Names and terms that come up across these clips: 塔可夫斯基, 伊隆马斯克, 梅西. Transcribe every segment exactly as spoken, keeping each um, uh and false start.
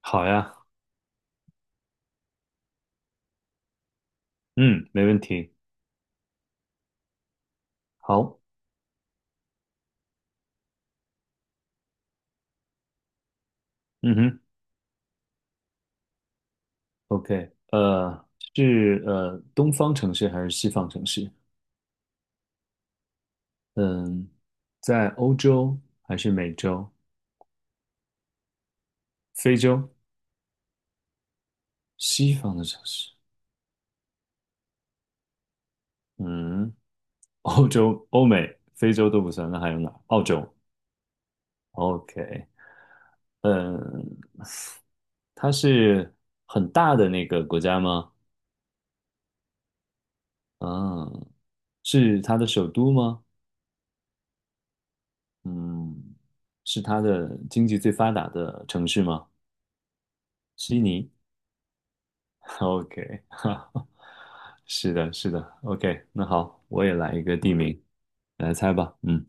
好呀，嗯，没问题。好，嗯哼，OK，呃，是呃东方城市还是西方城市？嗯，在欧洲还是美洲、非洲？西方的城市，嗯，欧洲、欧美、非洲都不算，那还有哪？澳洲，OK，嗯，它是很大的那个国家吗？嗯，是它的首都吗？嗯，是它的经济最发达的城市吗？悉尼，OK，哈，哈，是的，是的，OK，那好，我也来一个地名，来猜吧，嗯，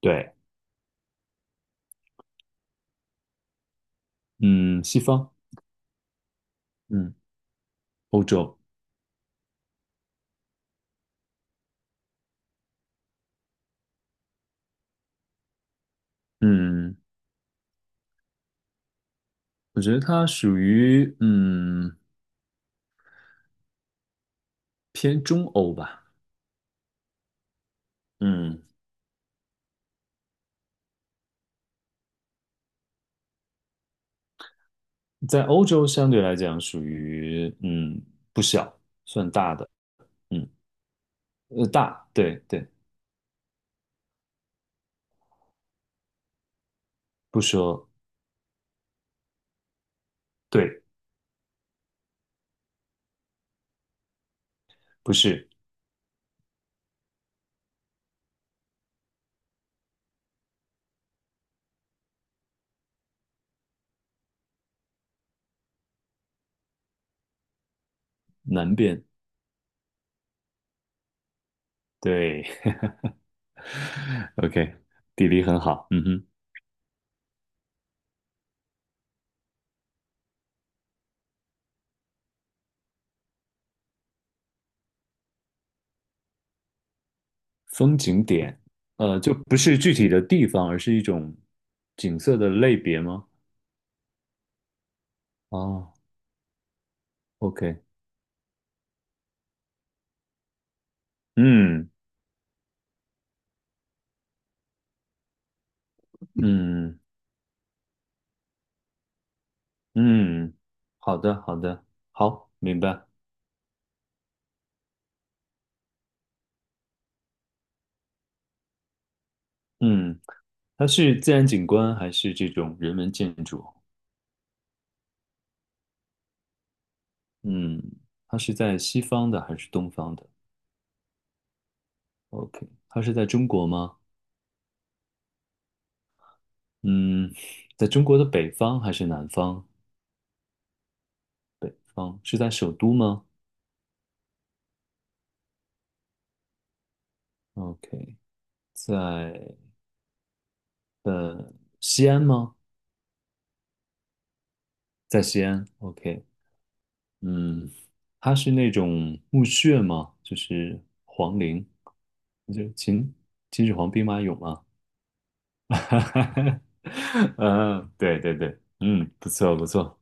对，嗯，西方，嗯，欧洲，嗯，我觉得它属于嗯偏中欧吧，嗯，在欧洲相对来讲属于嗯不小，算大的，嗯，呃大，对对，不说对，不是南边，对 ，OK，地理很好，嗯哼。风景点，呃，就不是具体的地方，而是一种景色的类别吗？哦，OK，嗯嗯嗯，好的好的，好，明白。嗯，它是自然景观还是这种人文建筑？嗯，它是在西方的还是东方的？OK，它是在中国吗？嗯，在中国的北方还是南方？北方是在首都吗？OK，在呃西安吗？在西安，OK，嗯，它是那种墓穴吗？就是皇陵，就秦秦始皇兵马俑吗？嗯，对对对，嗯，不错不错，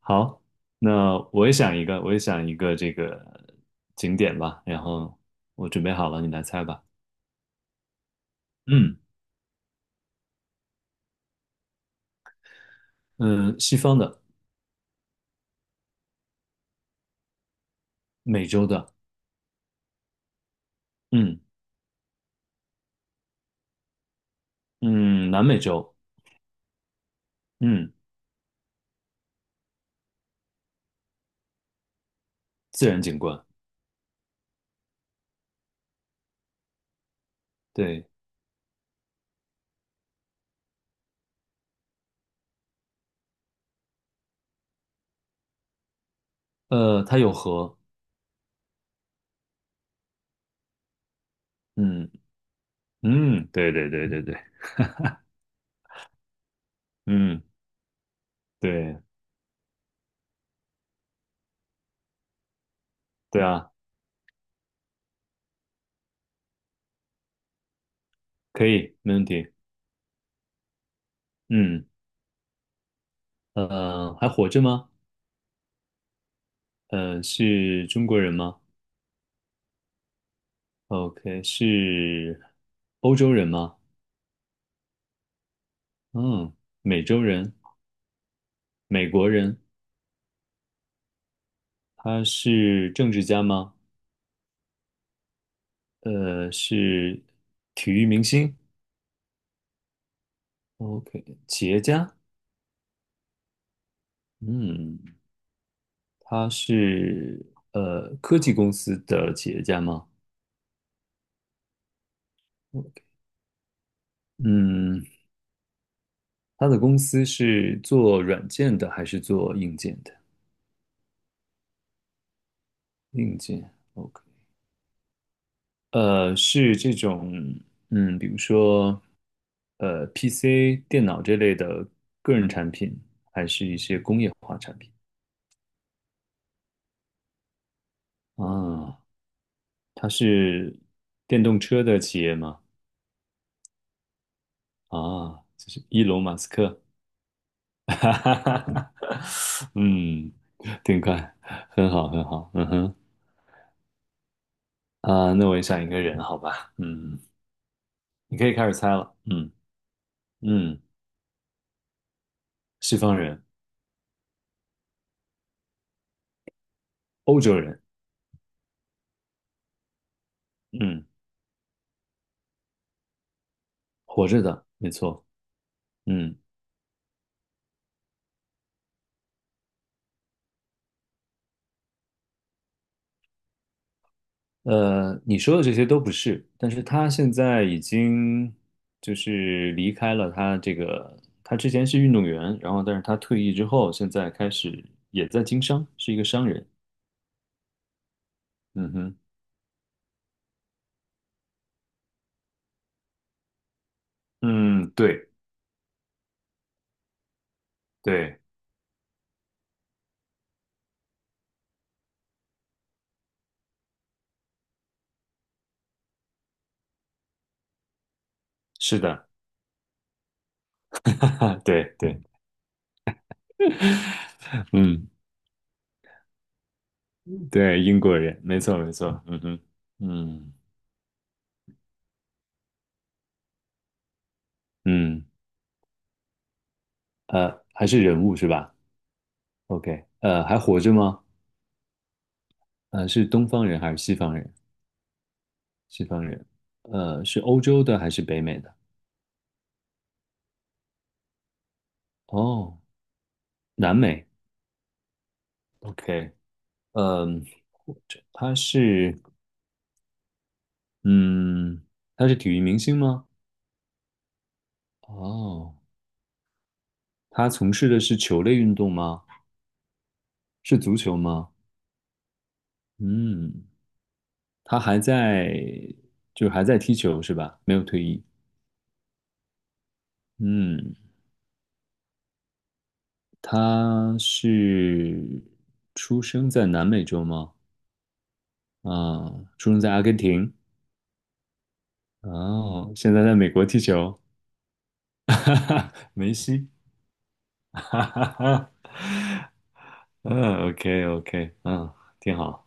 好，那我也想一个，我也想一个这个景点吧，然后我准备好了，你来猜吧。嗯嗯，西方的，美洲的，嗯嗯，南美洲，嗯，自然景观，对，呃，它有河，嗯。嗯，对对对对对，嗯，对对啊，可以，没问题。嗯，呃，还活着吗？呃，是中国人吗？OK，是欧洲人吗？嗯，美洲人，美国人。他是政治家吗？呃，是体育明星。OK，企业家。嗯，他是呃科技公司的企业家吗？嗯。他的公司是做软件的还是做硬件的？硬件，OK，呃，是这种，嗯，比如说，呃，P C、电脑这类的个人产品，还是一些工业化产品啊？他是电动车的企业吗？啊，就是伊隆马斯克，哈哈哈哈，嗯，挺快，很好，很好，嗯哼，啊，那我也想一个人，好吧，嗯，你可以开始猜了，嗯嗯。西方人、欧洲人，嗯，活着的，没错，嗯，呃，你说的这些都不是，但是他现在已经就是离开了他这个，他之前是运动员，然后但是他退役之后，现在开始也在经商，是一个商人，嗯哼，嗯，对对，是的，哈，对对，嗯，对，英国人，没错没错，嗯哼，嗯嗯，呃，还是人物是吧？OK，呃，还活着吗？呃，是东方人还是西方人？西方人，呃，是欧洲的还是北美的？哦，南美。OK，嗯，他是，嗯，他是体育明星吗？哦，他从事的是球类运动吗？是足球吗？嗯，他还在，就是还在踢球是吧？没有退役。嗯，他是出生在南美洲吗？啊、出生在阿根廷。哦，现在在美国踢球，哈哈，梅西，哈哈哈，嗯，OK OK，嗯，挺好，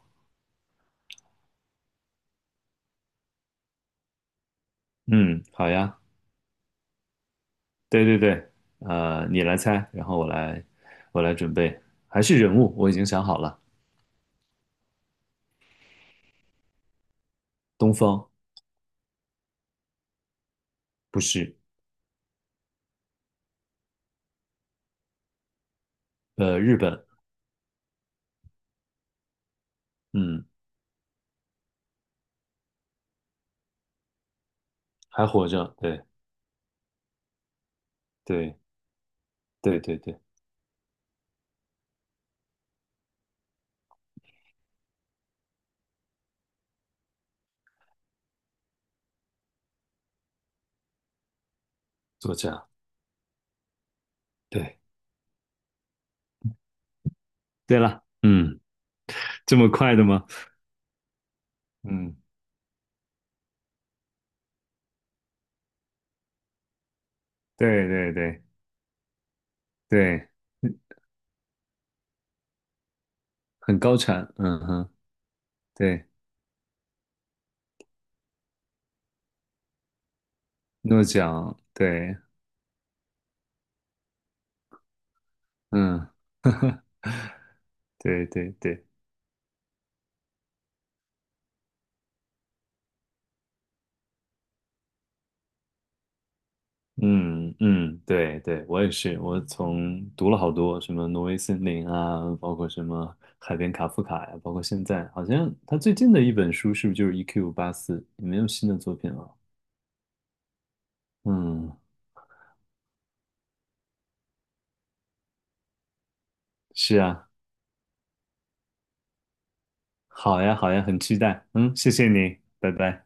嗯，好呀，对对对，呃，你来猜，然后我来，我来准备，还是人物，我已经想好了，东方，不是，呃，日本，嗯，还活着，对对对对对，作家，对对了，嗯，这么快的吗？嗯，对对对对，嗯很高产，嗯哼，对，诺奖，对。嗯，对对对，嗯嗯，对对，我也是，我从读了好多什么《挪威森林》啊，包括什么《海边卡夫卡》呀，包括现在好像他最近的一本书是不是就是《E Q 八四》？没有新的作品了。嗯，是啊，好呀好呀，很期待。嗯，谢谢你，拜拜。